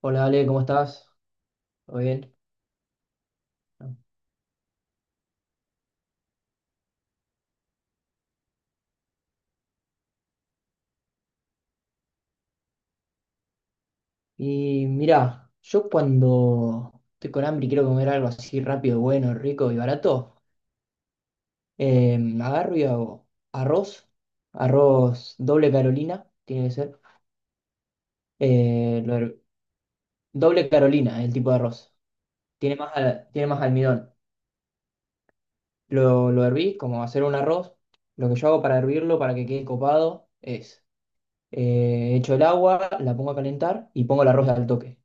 Hola Ale, ¿cómo estás? ¿Todo bien? Y mira, yo cuando estoy con hambre y quiero comer algo así rápido, bueno, rico y barato, agarro y hago arroz, arroz doble Carolina, tiene que ser, eh, lo her- doble Carolina, el tipo de arroz, tiene más almidón. Lo herví, como hacer un arroz, lo que yo hago para hervirlo, para que quede copado, es, echo el agua, la pongo a calentar y pongo el arroz al toque.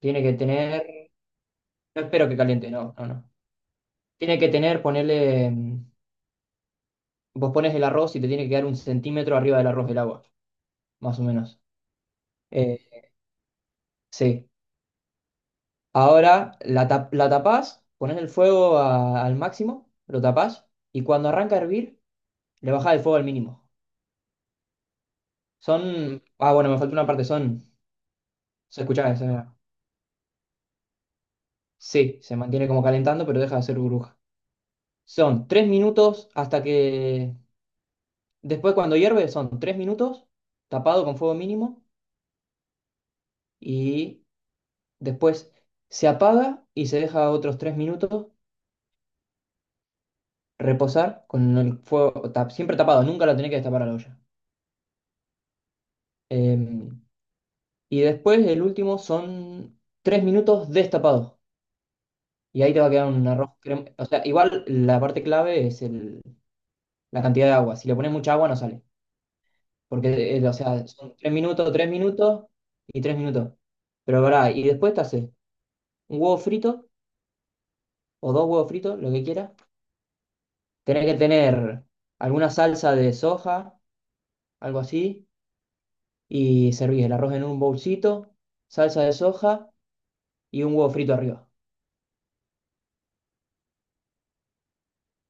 Tiene que tener. No espero que caliente, no, no, no. Tiene que tener, ponerle, vos pones el arroz y te tiene que quedar 1 centímetro arriba del arroz del agua, más o menos. Eh, sí. Ahora la tapás, pones el fuego al máximo, lo tapás y cuando arranca a hervir, le bajás el fuego al mínimo. Bueno, me faltó una parte, son, se escuchaba, se- sí, se mantiene como calentando, pero deja de hacer burbuja. Son 3 minutos hasta que, después cuando hierve, son 3 minutos, tapado con fuego mínimo y después se apaga y se deja otros 3 minutos reposar con el fuego siempre tapado, nunca la tenés que destapar a la olla. Eh, y después el último son 3 minutos destapados. Y ahí te va a quedar un arroz o sea, igual la parte clave es la cantidad de agua. Si le pones mucha agua no sale. Porque, o sea, son 3 minutos, 3 minutos y 3 minutos. Pero pará, y después te haces un huevo frito o dos huevos fritos, lo que quieras. Tenés que tener alguna salsa de soja, algo así, y servís el arroz en un bolsito, salsa de soja y un huevo frito arriba.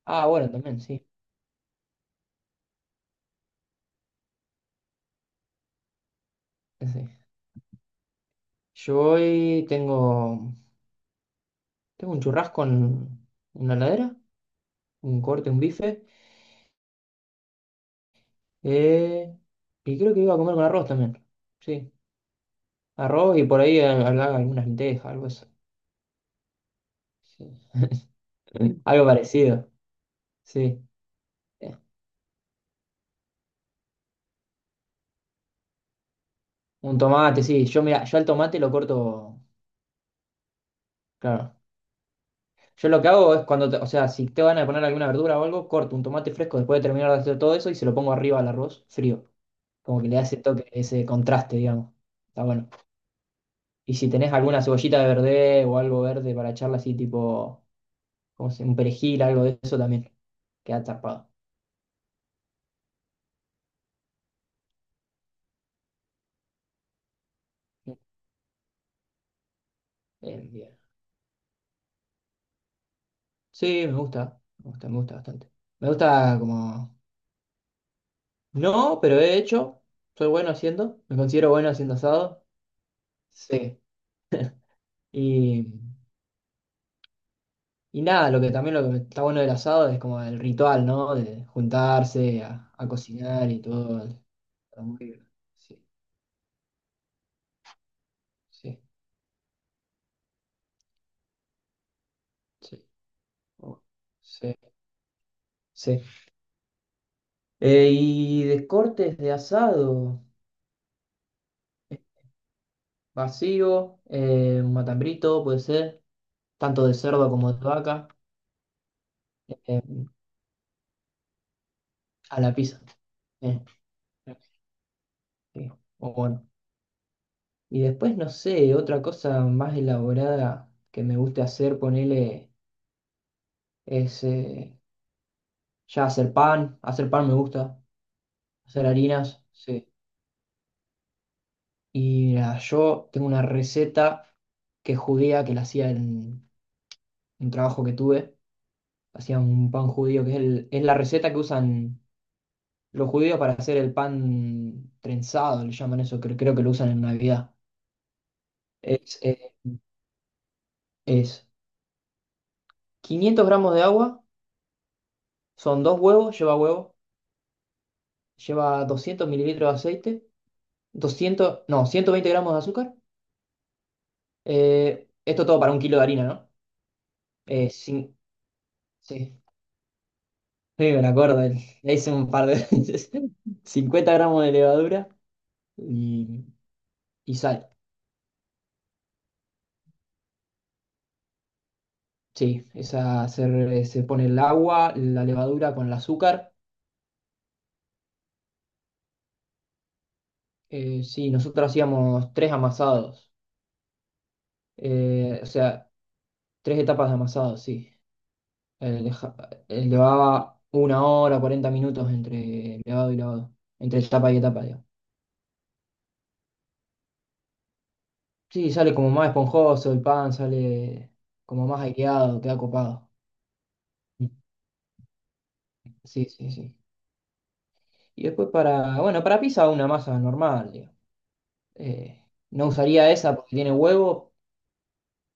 Ah, bueno, también, sí. Sí. Sí. Yo hoy tengo un churrasco en una heladera, un corte, un bife, eh, y creo que iba a comer con arroz también. Sí, arroz y por ahí habrá algunas lentejas, algo eso. Sí. Mm. Algo parecido, sí. Eh, Un tomate, sí. Yo, mira, yo al tomate lo corto, claro. Yo lo que hago es cuando, o sea, si te van a poner alguna verdura o algo, corto un tomate fresco después de terminar de hacer todo eso y se lo pongo arriba al arroz frío. Como que le da ese toque, ese contraste, digamos. Está bueno. Y si tenés alguna cebollita de verde o algo verde para echarle así, tipo, un perejil, algo de eso también. Queda tapado. Bien. Sí, me gusta, me gusta, me gusta bastante. Me gusta como no, pero he hecho, soy bueno haciendo, me considero bueno haciendo asado. Sí. Y Y nada, lo que también lo que está bueno del asado es como el ritual, ¿no? De juntarse a cocinar y todo. Está muy- Sí, sí, sí. Oh, sí, sí. Y de cortes de asado, eh, vacío, un matambrito puede ser, tanto de cerdo como de vaca, eh, a la pizza. eh, sí, o bueno. Y después, no sé, otra cosa más elaborada que me gusta hacer, ponele, es ya hacer pan me gusta, hacer harinas, sí. Y nada, yo tengo una receta que es judía, que la hacía en un trabajo que tuve. Hacía un pan judío, que es, es la receta que usan los judíos para hacer el pan trenzado, le llaman eso, creo que lo usan en Navidad. Es, es 500 gramos de agua, son dos huevos, lleva huevo, lleva 200 mililitros de aceite, 200 no, 120 gramos de azúcar. Esto todo para 1 kilo de harina, ¿no? Eh, cin- Sí, sí, me lo acuerdo. Le hice un par de veces. 50 gramos de levadura y, y sal. Sí, esa se pone el agua, la levadura con el azúcar. Sí, nosotros hacíamos tres amasados. O sea, tres etapas de amasado, sí. Eh, deja- llevaba 1 hora, 40 minutos entre levado y lavado. Entre etapa y etapa, digo. Sí, sale como más esponjoso el pan, sale como más aireado, queda copado. Sí, sí, sí. Y después para, bueno, para pizza una masa normal, digo. Eh, no usaría esa porque tiene huevo,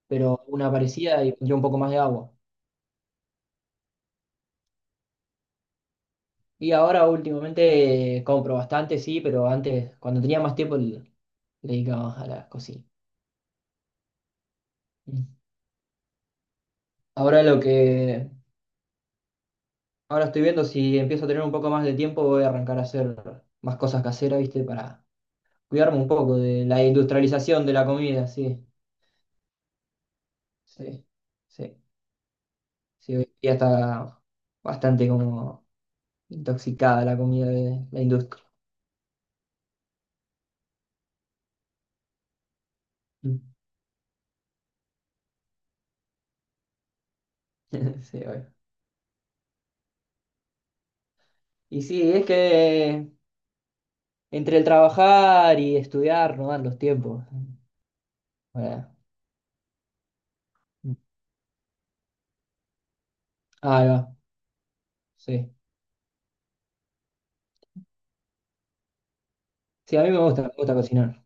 pero una parecida y pondría un poco más de agua. Y ahora últimamente compro bastante, sí, pero antes, cuando tenía más tiempo, le dedicaba más a la cocina. Mm. Ahora lo que, ahora estoy viendo si empiezo a tener un poco más de tiempo, voy a arrancar a hacer más cosas caseras, ¿viste? Para cuidarme un poco de la industrialización de la comida, sí. Sí, sí. Sí, hoy en día está bastante como intoxicada la comida de la industria. Mm. Sí, obvio. Y sí, es que entre el trabajar y estudiar no dan los tiempos. Bueno. Mm. Ahí va, sí. Sí, a mí me gusta cocinar.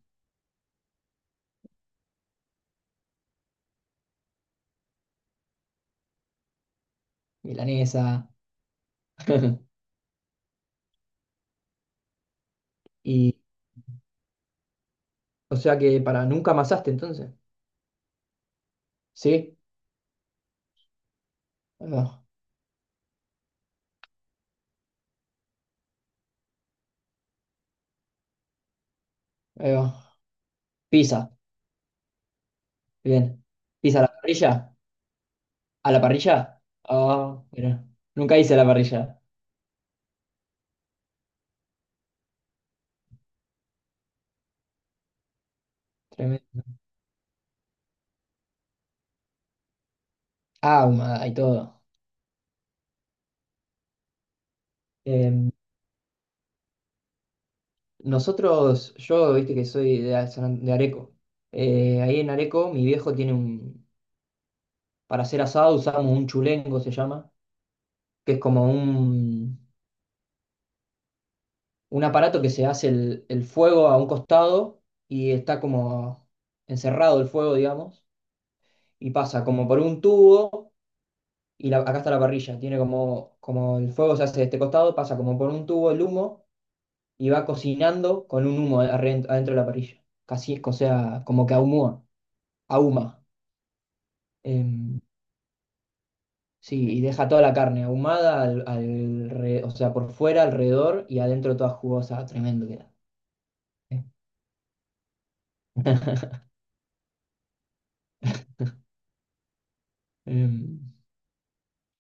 Milanesa. Y, o sea que para nunca amasaste entonces. Sí, ahí va, ahí va. Pizza, bien. Pizza a la parrilla. ¿A la parrilla? Ah, mira. Nunca hice la parrilla. Tremendo. Ah, ahumada y todo. Eh, Nosotros, yo viste que soy de Areco. Ahí en Areco, mi viejo tiene un. Para hacer asado usamos un chulengo, se llama, que es como un aparato que se hace el fuego a un costado y está como encerrado el fuego, digamos, y pasa como por un tubo y acá está la parrilla. Tiene como el fuego se hace de este costado, pasa como por un tubo el humo y va cocinando con un humo adentro, de la parrilla. Casi, o sea, como que ahumó, ahuma. Em, sí, y deja toda la carne ahumada, o sea, por fuera, alrededor y adentro toda jugosa, tremendo queda. Em,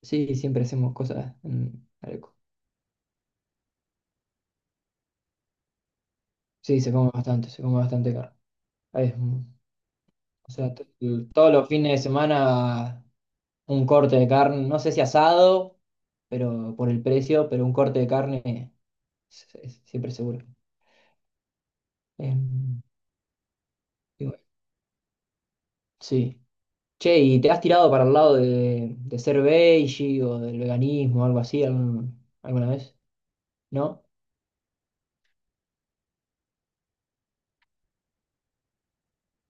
sí, siempre hacemos cosas en Areco. Sí, se come bastante carne. Ahí es, o sea, todos los fines de semana un corte de carne, no sé si asado, pero por el precio, pero un corte de carne es siempre seguro. Em, y bueno, sí. Che, ¿y te has tirado para el lado de ser veggie o del veganismo o algo así alguna vez? ¿No?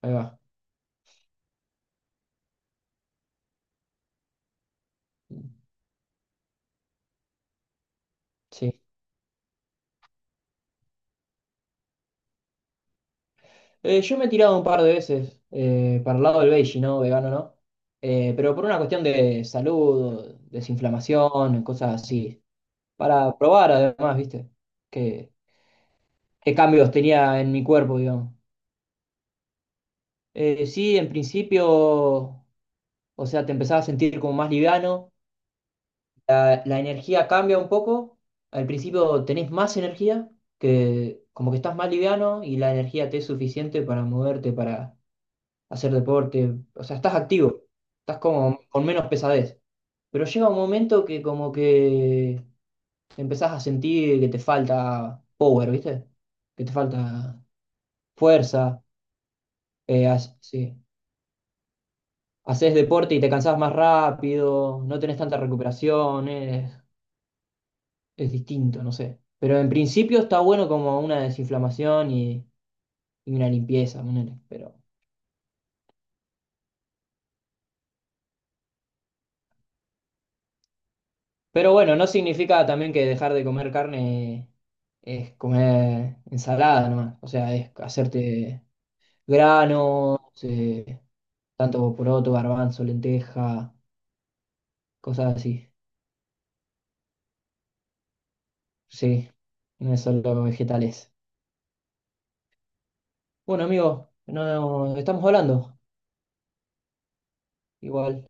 Ahí va. Sí. Yo me he tirado un par de veces para el lado del veggie, ¿no? Vegano, ¿no? Pero por una cuestión de salud, desinflamación, cosas así. Para probar además, ¿viste? ¿Qué, qué cambios tenía en mi cuerpo, digamos? Sí, en principio, o sea, te empezás a sentir como más liviano. La energía cambia un poco. Al principio tenés más energía, que como que estás más liviano y la energía te es suficiente para moverte, para hacer deporte. O sea, estás activo, estás como con menos pesadez. Pero llega un momento que como que empezás a sentir que te falta power, ¿viste? Que te falta fuerza. Sí. Haces deporte y te cansás más rápido, no tenés tanta recuperación. Es distinto, no sé. Pero en principio está bueno como una desinflamación y una limpieza, ponele. Pero bueno, no significa también que dejar de comer carne es comer ensalada nomás. O sea, es hacerte granos, eh, tanto poroto, garbanzo, lenteja, cosas así. Sí, no es solo vegetales. Bueno, amigo, no, estamos hablando. Igual.